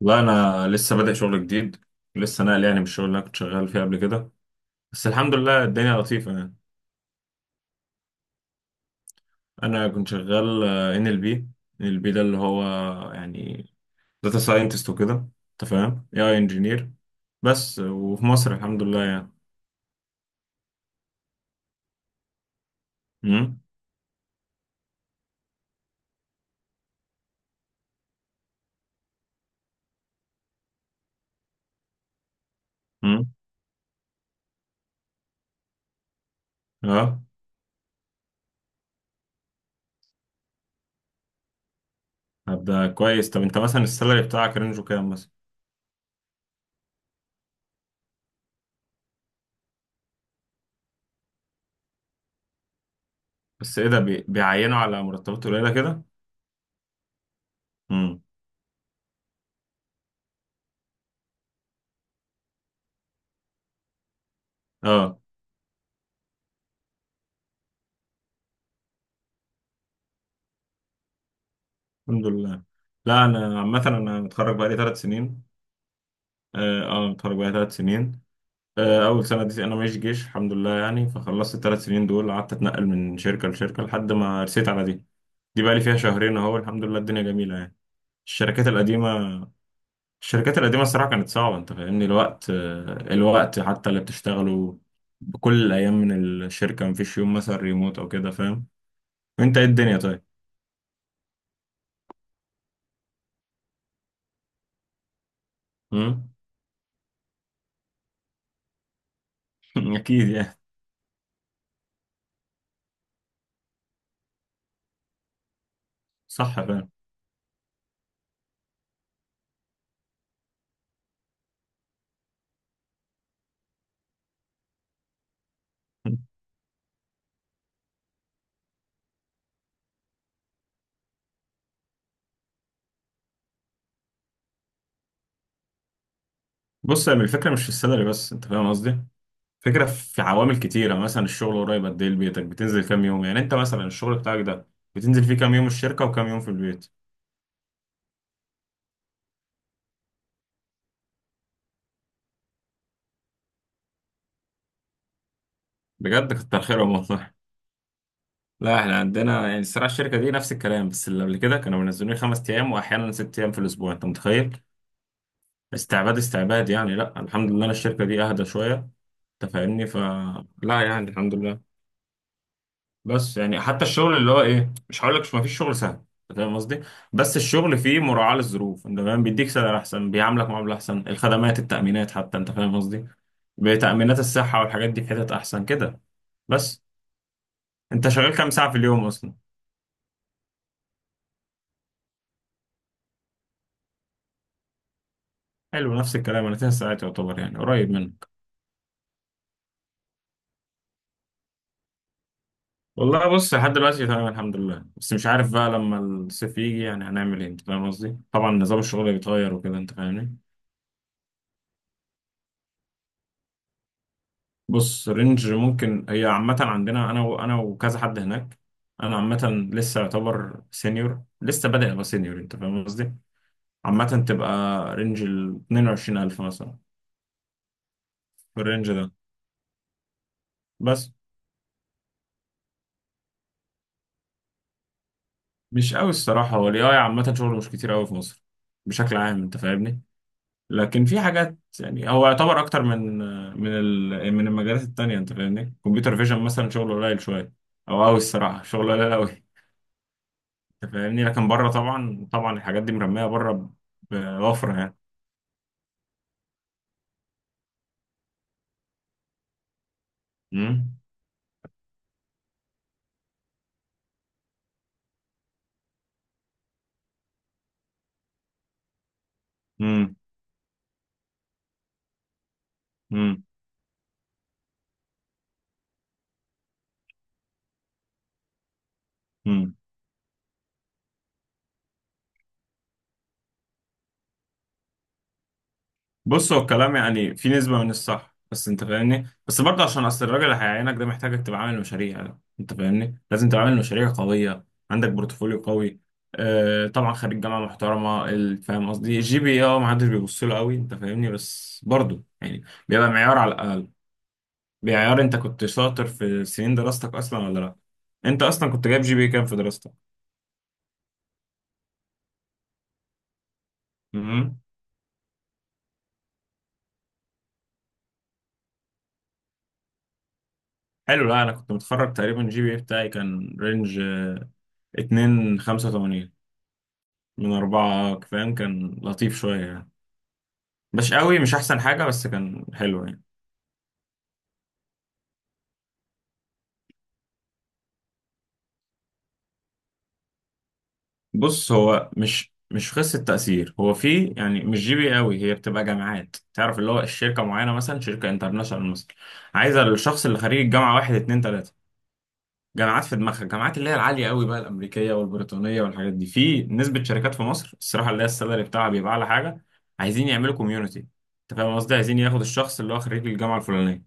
لا انا لسه بادئ شغل جديد. لسه ناقل يعني من الشغل اللي انا كنت شغال فيه قبل كده. بس الحمد لله الدنيا لطيفه يعني. انا كنت شغال ان ال بي. ان ال بي ده اللي هو يعني داتا ساينتست وكده. انت فاهم اي اي انجينير. بس وفي مصر الحمد لله يعني. امم امم اه هبدا كويس. طب انت مثلا السالري بتاعك رينجو كام مثلا؟ بس ايه ده، بيعينوا على مرتبات قليله كده. امم اه الحمد لله. لا انا عامه انا متخرج بقالي ثلاث سنين. اه اتخرج بقى ثلاث سنين. اول سنه دي انا ماشي جيش الحمد لله يعني، فخلصت الثلاث سنين دول قعدت اتنقل من شركه لشركه لحد ما رسيت على دي. دي بقى لي فيها شهرين اهو، الحمد لله الدنيا جميله يعني. الشركات القديمه، الشركات القديمه الصراحه كانت صعبه، انت فاهمني الوقت، الوقت حتى اللي بتشتغله بكل الايام. من الشركه مفيش يوم مثلا ريموت او كده، فاهم؟ وانت ايه الدنيا طيب؟ مم؟ اكيد يعني. صح فاهم. بص يا عم، الفكره مش في السالري بس، انت فاهم قصدي. فكرة في عوامل كتيرة، يعني مثلا الشغل قريب قد ايه لبيتك، بتنزل كام يوم؟ يعني انت مثلا الشغل بتاعك ده بتنزل فيه كام يوم الشركة وكام يوم في البيت؟ بجد كتر خيرهم والله. لا احنا عندنا يعني الصراحة الشركة دي نفس الكلام، بس اللي قبل كده كانوا منزلين خمس ايام واحيانا ست ايام في الاسبوع، انت متخيل؟ استعباد استعباد يعني. لا الحمد لله أنا الشركة دي اهدى شوية، انت فاهمني، فلا يعني الحمد لله. بس يعني حتى الشغل اللي هو ايه، مش هقول لك ما فيش شغل سهل، أنت فاهم قصدي. بس الشغل فيه مراعاة للظروف، انت فاهم، بيديك سعر احسن، بيعاملك معاملة احسن، الخدمات، التأمينات، حتى انت فاهم قصدي، بتأمينات الصحة والحاجات دي، في حتت احسن كده. بس انت شغال كام ساعة في اليوم اصلا؟ حلو، نفس الكلام، انا 9 ساعات يعتبر، يعني قريب منك. والله بص، لحد دلوقتي تمام الحمد لله، بس مش عارف بقى لما الصيف يجي يعني هنعمل ايه، انت فاهم قصدي، طبعا نظام الشغل بيتغير وكده انت فاهمني. بص رينج ممكن، هي عامة عندنا أنا وكذا حد هناك. أنا عامة لسه يعتبر سينيور، لسه بادئ أبقى سينيور، أنت فاهم قصدي؟ عامة تبقى رينج ال 22000 مثلا، في الرينج ده. بس مش قوي الصراحة، هو ال AI عامة شغله مش كتير قوي في مصر بشكل عام، أنت فاهمني؟ لكن في حاجات يعني هو يعتبر أكتر من من المجالات التانية، أنت فاهمني؟ كمبيوتر فيجن مثلا شغله قليل شوية، أو قوي الصراحة شغله قليل قوي. انت فاهمني، لكن بره طبعا طبعا الحاجات دي مرميه بره، بوفره يعني. امم امم امم امم بص هو الكلام يعني في نسبه من الصح، بس انت فاهمني، بس برضه عشان اصل الراجل اللي هيعينك ده محتاجك تبقى عامل مشاريع، انت فاهمني، لازم تبقى عامل مشاريع قويه، عندك بورتفوليو قوي. آه طبعا خريج جامعه محترمه، فاهم قصدي؟ الجي بي اه ما حدش بيبص له قوي، انت فاهمني، بس برضه يعني بيبقى معيار على الاقل، بيعيار انت كنت شاطر في سنين دراستك اصلا ولا لا. انت اصلا كنت جايب جي بي كام في دراستك؟ مم. حلو. لا انا كنت متخرج تقريبا الجي بي اي بتاعي كان رينج اتنين خمسة وتمانين من أربعة، فاهم؟ كان لطيف شوية يعني، مش قوي، مش أحسن حاجة، بس كان حلو يعني. بص هو مش قصة تأثير، هو في يعني مش جي بي قوي، هي بتبقى جامعات تعرف اللي هو الشركة معينة، مثلا شركة انترناشونال مثلا عايزة الشخص اللي خريج الجامعة واحد اتنين تلاتة جامعات في دماغها، الجامعات اللي هي العاليه قوي بقى، الامريكيه والبريطانيه والحاجات دي. في نسبه شركات في مصر الصراحه اللي هي السالري بتاعها بيبقى اعلى حاجه، عايزين يعملوا كوميونتي، انت فاهم قصدي، عايزين ياخد الشخص اللي هو خريج الجامعه الفلانيه.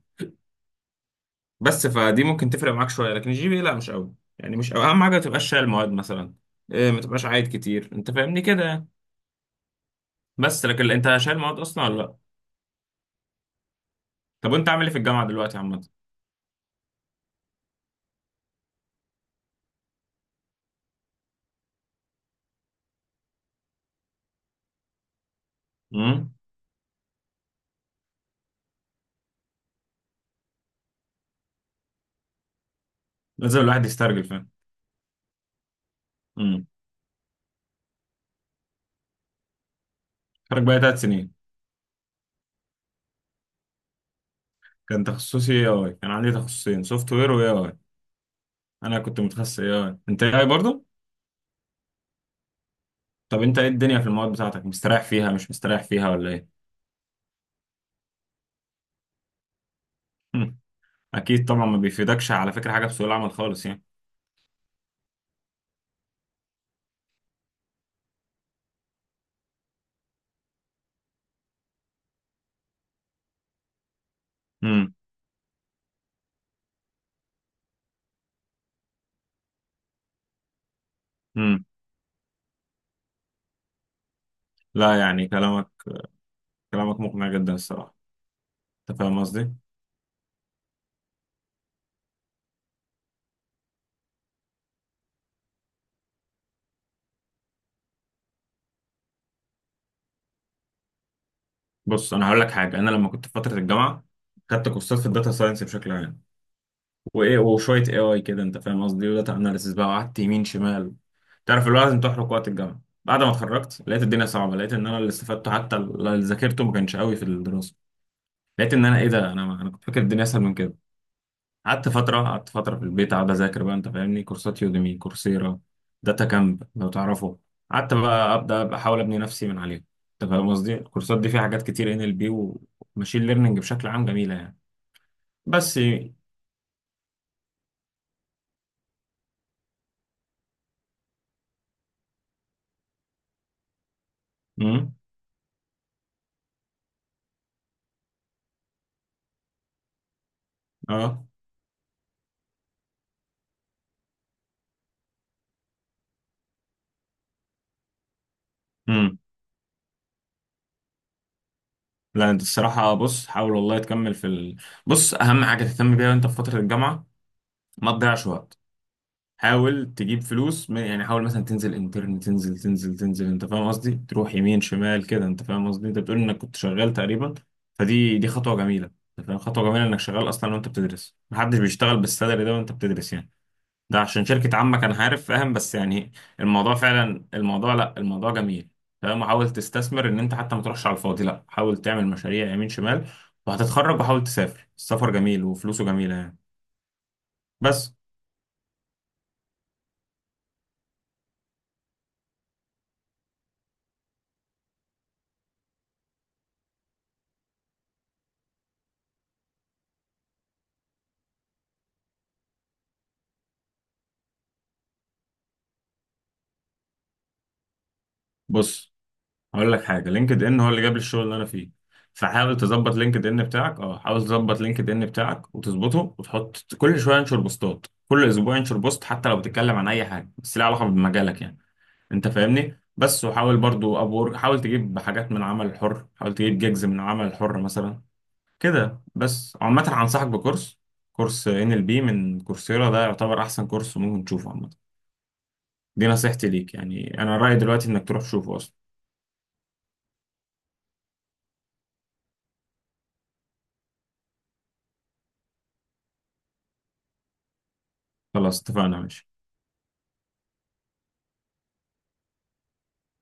بس فدي ممكن تفرق معاك شويه، لكن الجي بي لا مش قوي يعني، مش قوي. اهم حاجه ما تبقاش شايل مواد مثلا، إيه، ما تبقاش عايد كتير، انت فاهمني كده يعني. بس لكن انت شايل مواد اصلا ولا لا؟ طب وانت عامل ايه في الجامعه دلوقتي عامه؟ امم لازم الواحد يسترجل، فاهم؟ امم خرج بقى ثلاث سنين. كان تخصصي اي اي، كان عندي تخصصين، سوفت وير واي اي. انا كنت متخصص اي اي، انت اي اي برضه؟ طب انت ايه الدنيا في المواد بتاعتك، مستريح فيها مش مستريح فيها ولا ايه؟ هم. اكيد طبعا، ما بيفيدكش على فكره حاجه في سوق العمل خالص يعني. امم امم لا يعني كلامك، كلامك مقنع جدا الصراحه، انت فاهم قصدي. بص انا هقول لك حاجه، انا لما كنت في فتره الجامعه خدت كورسات في الداتا ساينس بشكل عام، وايه وشويه اي اي كده انت فاهم قصدي، وداتا اناليسيس بقى، وقعدت يمين شمال. تعرف اللي هو لازم تحرق وقت الجامعه. بعد ما اتخرجت لقيت الدنيا صعبه، لقيت ان انا اللي استفدته حتى اللي ذاكرته ما كانش قوي في الدراسه. لقيت ان انا ايه ده، انا كنت فاكر الدنيا اسهل من كده. قعدت فتره، قعدت فتره في البيت قاعد اذاكر بقى، انت فاهمني، كورسات يوديمي، كورسيرا، داتا كامب لو تعرفه. قعدت بقى ابدا أبقى احاول ابني نفسي من عليها، انت فاهم قصدي. الكورسات دي فيها حاجات كتير ان ال بي، وماشين ليرنينج، بشكل عام جميله يعني. بس امم اه امم لا انت الصراحه بص، حاول والله تكمل في ال... بص اهم حاجه تهتم بيها وانت في فتره الجامعه ما تضيعش وقت. حاول تجيب فلوس، يعني حاول مثلا تنزل انترن، تنزل، انت فاهم قصدي، تروح يمين شمال كده، انت فاهم قصدي. انت بتقول انك كنت شغال تقريبا، فدي خطوه جميله، انت فاهم، خطوه جميله انك شغال اصلا وانت بتدرس، محدش بيشتغل بالسالري ده وانت بتدرس يعني. ده عشان شركه عمك انا عارف، فاهم، بس يعني الموضوع فعلا، الموضوع لا الموضوع جميل، فاهم. حاول تستثمر ان انت حتى ما تروحش على الفاضي، لا حاول تعمل مشاريع يمين شمال، وهتتخرج. وحاول تسافر، السفر جميل وفلوسه جميله يعني. بس بص هقول لك حاجه، لينكد ان هو اللي جاب لي الشغل اللي انا فيه. فحاول تظبط لينكد ان بتاعك، اه حاول تظبط لينكد ان بتاعك وتظبطه، وتحط كل شويه انشر بوستات، كل اسبوع انشر بوست، حتى لو بتتكلم عن اي حاجه بس ليها علاقه بمجالك يعني، انت فاهمني. بس وحاول برضو ابور، حاول تجيب حاجات من العمل الحر، حاول تجيب جيجز من العمل الحر مثلا كده. بس عامه هنصحك بكورس، كورس ان ال بي من كورسيرا، ده يعتبر احسن كورس ممكن تشوفه عامه. دي نصيحتي ليك يعني، انا رايي دلوقتي انك تروح تشوفه اصلا. خلاص اتفقنا، ماشي.